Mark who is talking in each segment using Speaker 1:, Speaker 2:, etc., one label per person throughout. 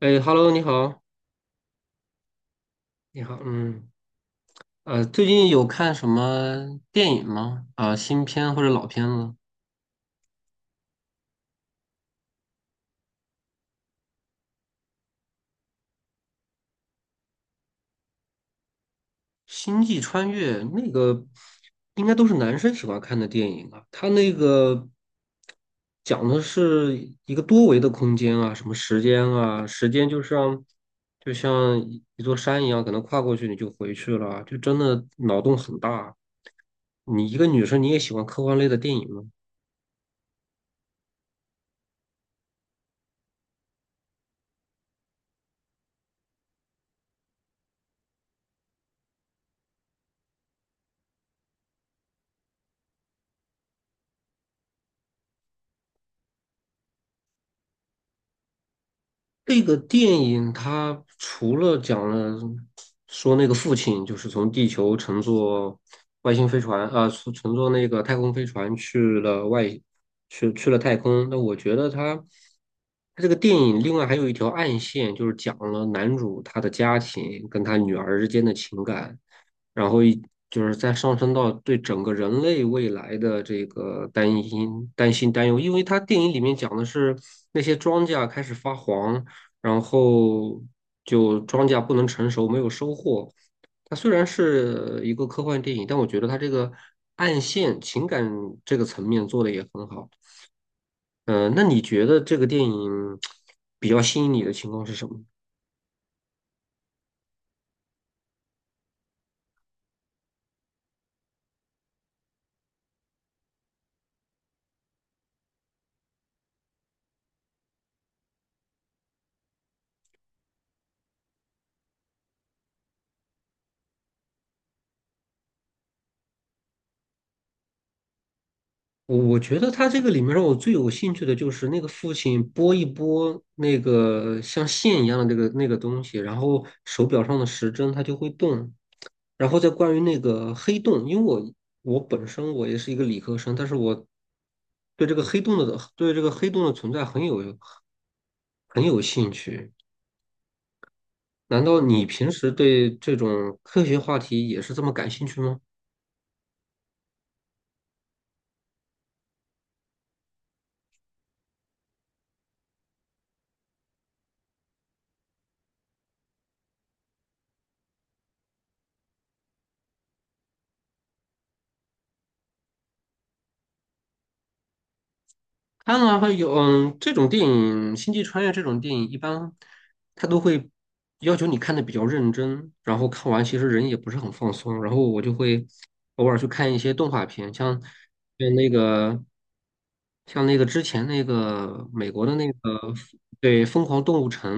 Speaker 1: 哎，Hello，你好，你好，嗯，最近有看什么电影吗？啊、新片或者老片子？《星际穿越》那个应该都是男生喜欢看的电影啊。它那个讲的是一个多维的空间啊，什么时间啊，时间就像一座山一样，可能跨过去你就回去了啊，就真的脑洞很大啊。你一个女生，你也喜欢科幻类的电影吗？这个电影它除了讲了说那个父亲就是从地球乘坐外星飞船啊，乘坐那个太空飞船去了外，去了太空。那我觉得它这个电影另外还有一条暗线，就是讲了男主他的家庭跟他女儿之间的情感。然后一就是再上升到对整个人类未来的这个担忧，因为它电影里面讲的是那些庄稼开始发黄，然后就庄稼不能成熟，没有收获。它虽然是一个科幻电影，但我觉得它这个暗线情感这个层面做的也很好。那你觉得这个电影比较吸引你的情况是什么？我觉得他这个里面让我最有兴趣的就是那个父亲拨一拨那个像线一样的那个东西，然后手表上的时针它就会动。然后再关于那个黑洞，因为我我本身我也是一个理科生，但是我对这个黑洞的存在很有兴趣。难道你平时对这种科学话题也是这么感兴趣吗？看了还有，嗯，这种电影《星际穿越》这种电影，一般他都会要求你看的比较认真，然后看完其实人也不是很放松。然后我就会偶尔去看一些动画片，像那个之前那个美国的那个对《疯狂动物城》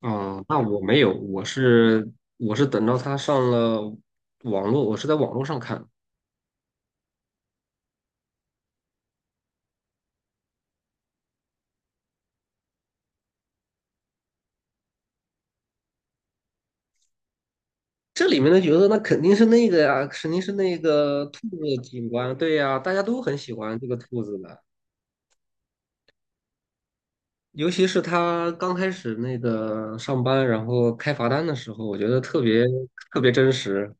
Speaker 1: 啊、那我没有，我是等到它上了网络，我是在网络上看这里面的角色那肯定是那个呀，肯定是那个兔子警官，对呀，大家都很喜欢这个兔子的，尤其是他刚开始那个上班，然后开罚单的时候，我觉得特别真实。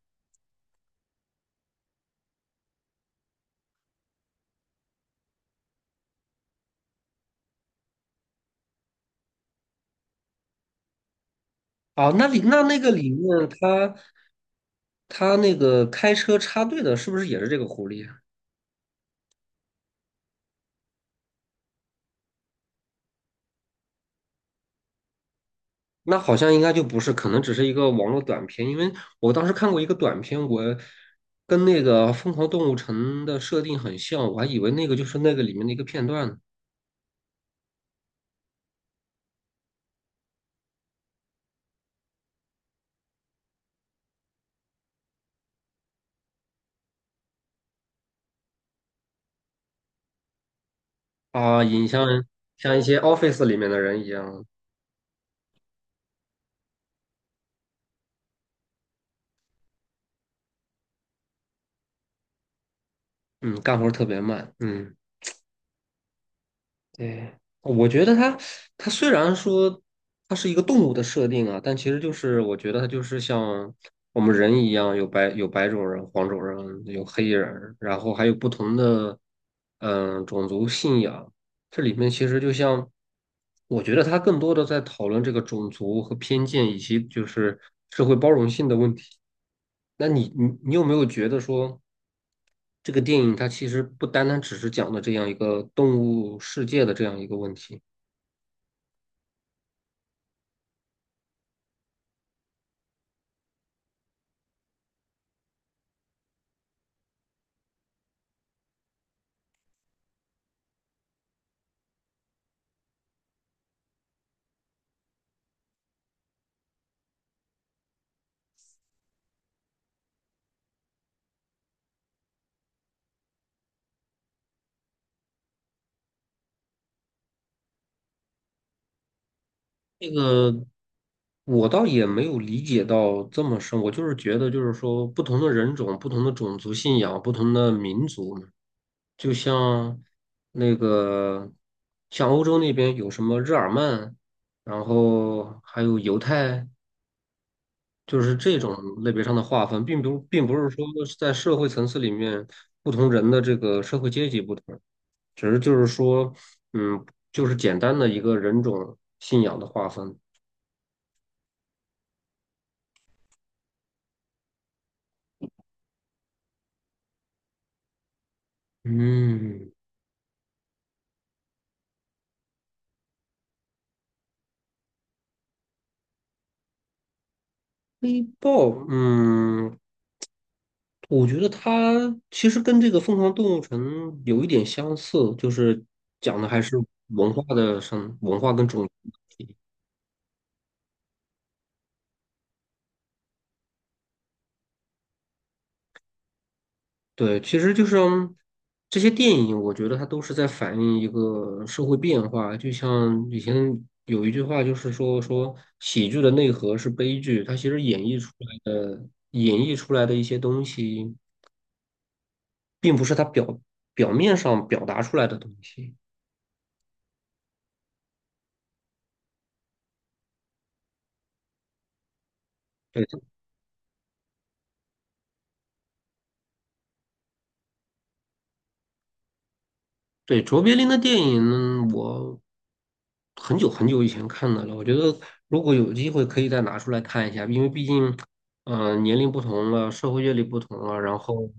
Speaker 1: 哦，那个里面他他那个开车插队的，是不是也是这个狐狸啊那好像应该就不是，可能只是一个网络短片，因为我当时看过一个短片，我跟那个《疯狂动物城》的设定很像，我还以为那个就是那个里面的一个片段呢。啊，影像像一些 office 里面的人一样，嗯，干活儿特别慢，嗯，对，我觉得它它虽然说它是一个动物的设定啊，但其实就是我觉得它就是像我们人一样，有白种人、黄种人，有黑人，然后还有不同的种族信仰，这里面其实就像，我觉得他更多的在讨论这个种族和偏见，以及就是社会包容性的问题。那你有没有觉得说，这个电影它其实不单单只是讲的这样一个动物世界的这样一个问题？那个我倒也没有理解到这么深，我就是觉得，就是说，不同的人种、不同的种族信仰、不同的民族嘛就像那个，像欧洲那边有什么日耳曼，然后还有犹太，就是这种类别上的划分，并不是说是在社会层次里面不同人的这个社会阶级不同，只是就是说，嗯，就是简单的一个人种信仰的划分。嗯，黑豹，嗯，我觉得它其实跟这个《疯狂动物城》有一点相似，就是讲的还是文化跟种族的问题。对，其实就是嗯这些电影，我觉得它都是在反映一个社会变化。就像以前有一句话，就是说喜剧的内核是悲剧，它其实演绎出来的一些东西，并不是它表面上表达出来的东西。对。对，卓别林的电影，我很久很久以前看的了。我觉得如果有机会，可以再拿出来看一下，因为毕竟，年龄不同了，社会阅历不同了，然后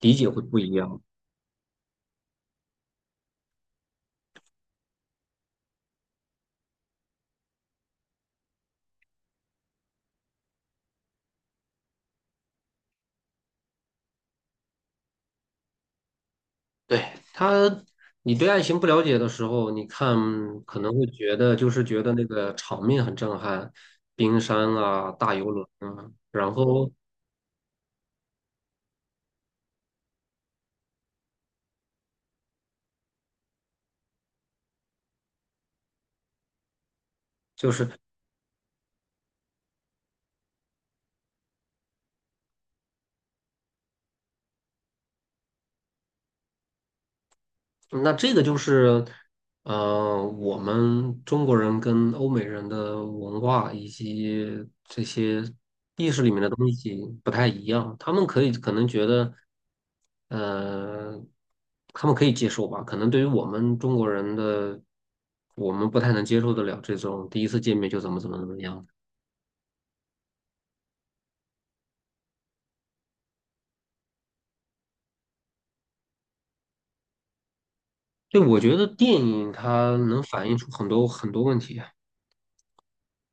Speaker 1: 理解会不一样。对，他，你对爱情不了解的时候，你看可能会觉得觉得那个场面很震撼，冰山啊，大游轮啊，然后就是那这个就是，我们中国人跟欧美人的文化以及这些意识里面的东西不太一样，他们可以可能觉得，呃，他们可以接受吧，可能对于我们中国人的，我们不太能接受得了这种第一次见面就怎么怎么怎么样。对，我觉得电影它能反映出很多很多问题。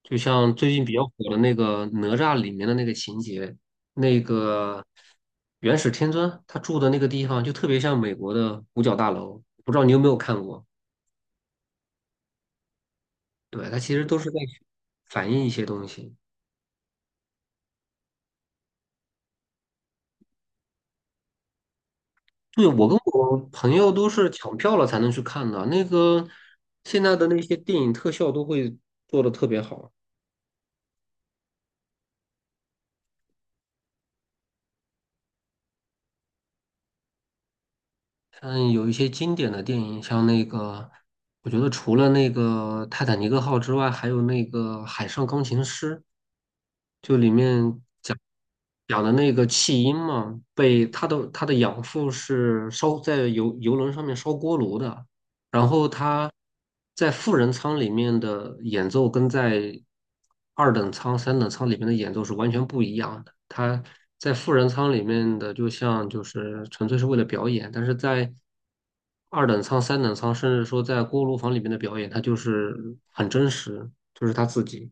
Speaker 1: 就像最近比较火的那个哪吒里面的那个情节，那个元始天尊他住的那个地方就特别像美国的五角大楼，不知道你有没有看过？对，他其实都是在反映一些东西。对，我跟我朋友都是抢票了才能去看的。那个现在的那些电影特效都会做的特别好，像有一些经典的电影，像那个我觉得除了那个《泰坦尼克号》之外，还有那个《海上钢琴师》。就里面讲的那个弃婴嘛，被他的养父是烧在游轮上面烧锅炉的，然后他在富人舱里面的演奏跟在二等舱、三等舱里面的演奏是完全不一样的。他在富人舱里面的就像就是纯粹是为了表演，但是在二等舱、三等舱，甚至说在锅炉房里面的表演，他就是很真实，就是他自己。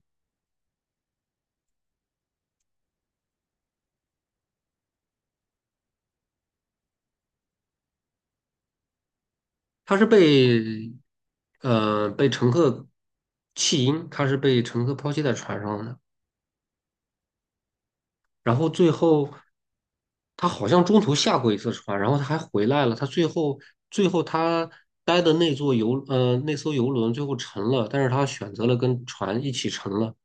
Speaker 1: 他是被乘客弃婴，他是被乘客抛弃在船上的，然后最后他好像中途下过一次船，然后他还回来了，他最后最后他待的那艘游轮最后沉了，但是他选择了跟船一起沉了。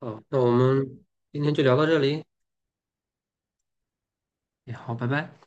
Speaker 1: 嗯，那我们今天就聊到这里，哎好，拜拜。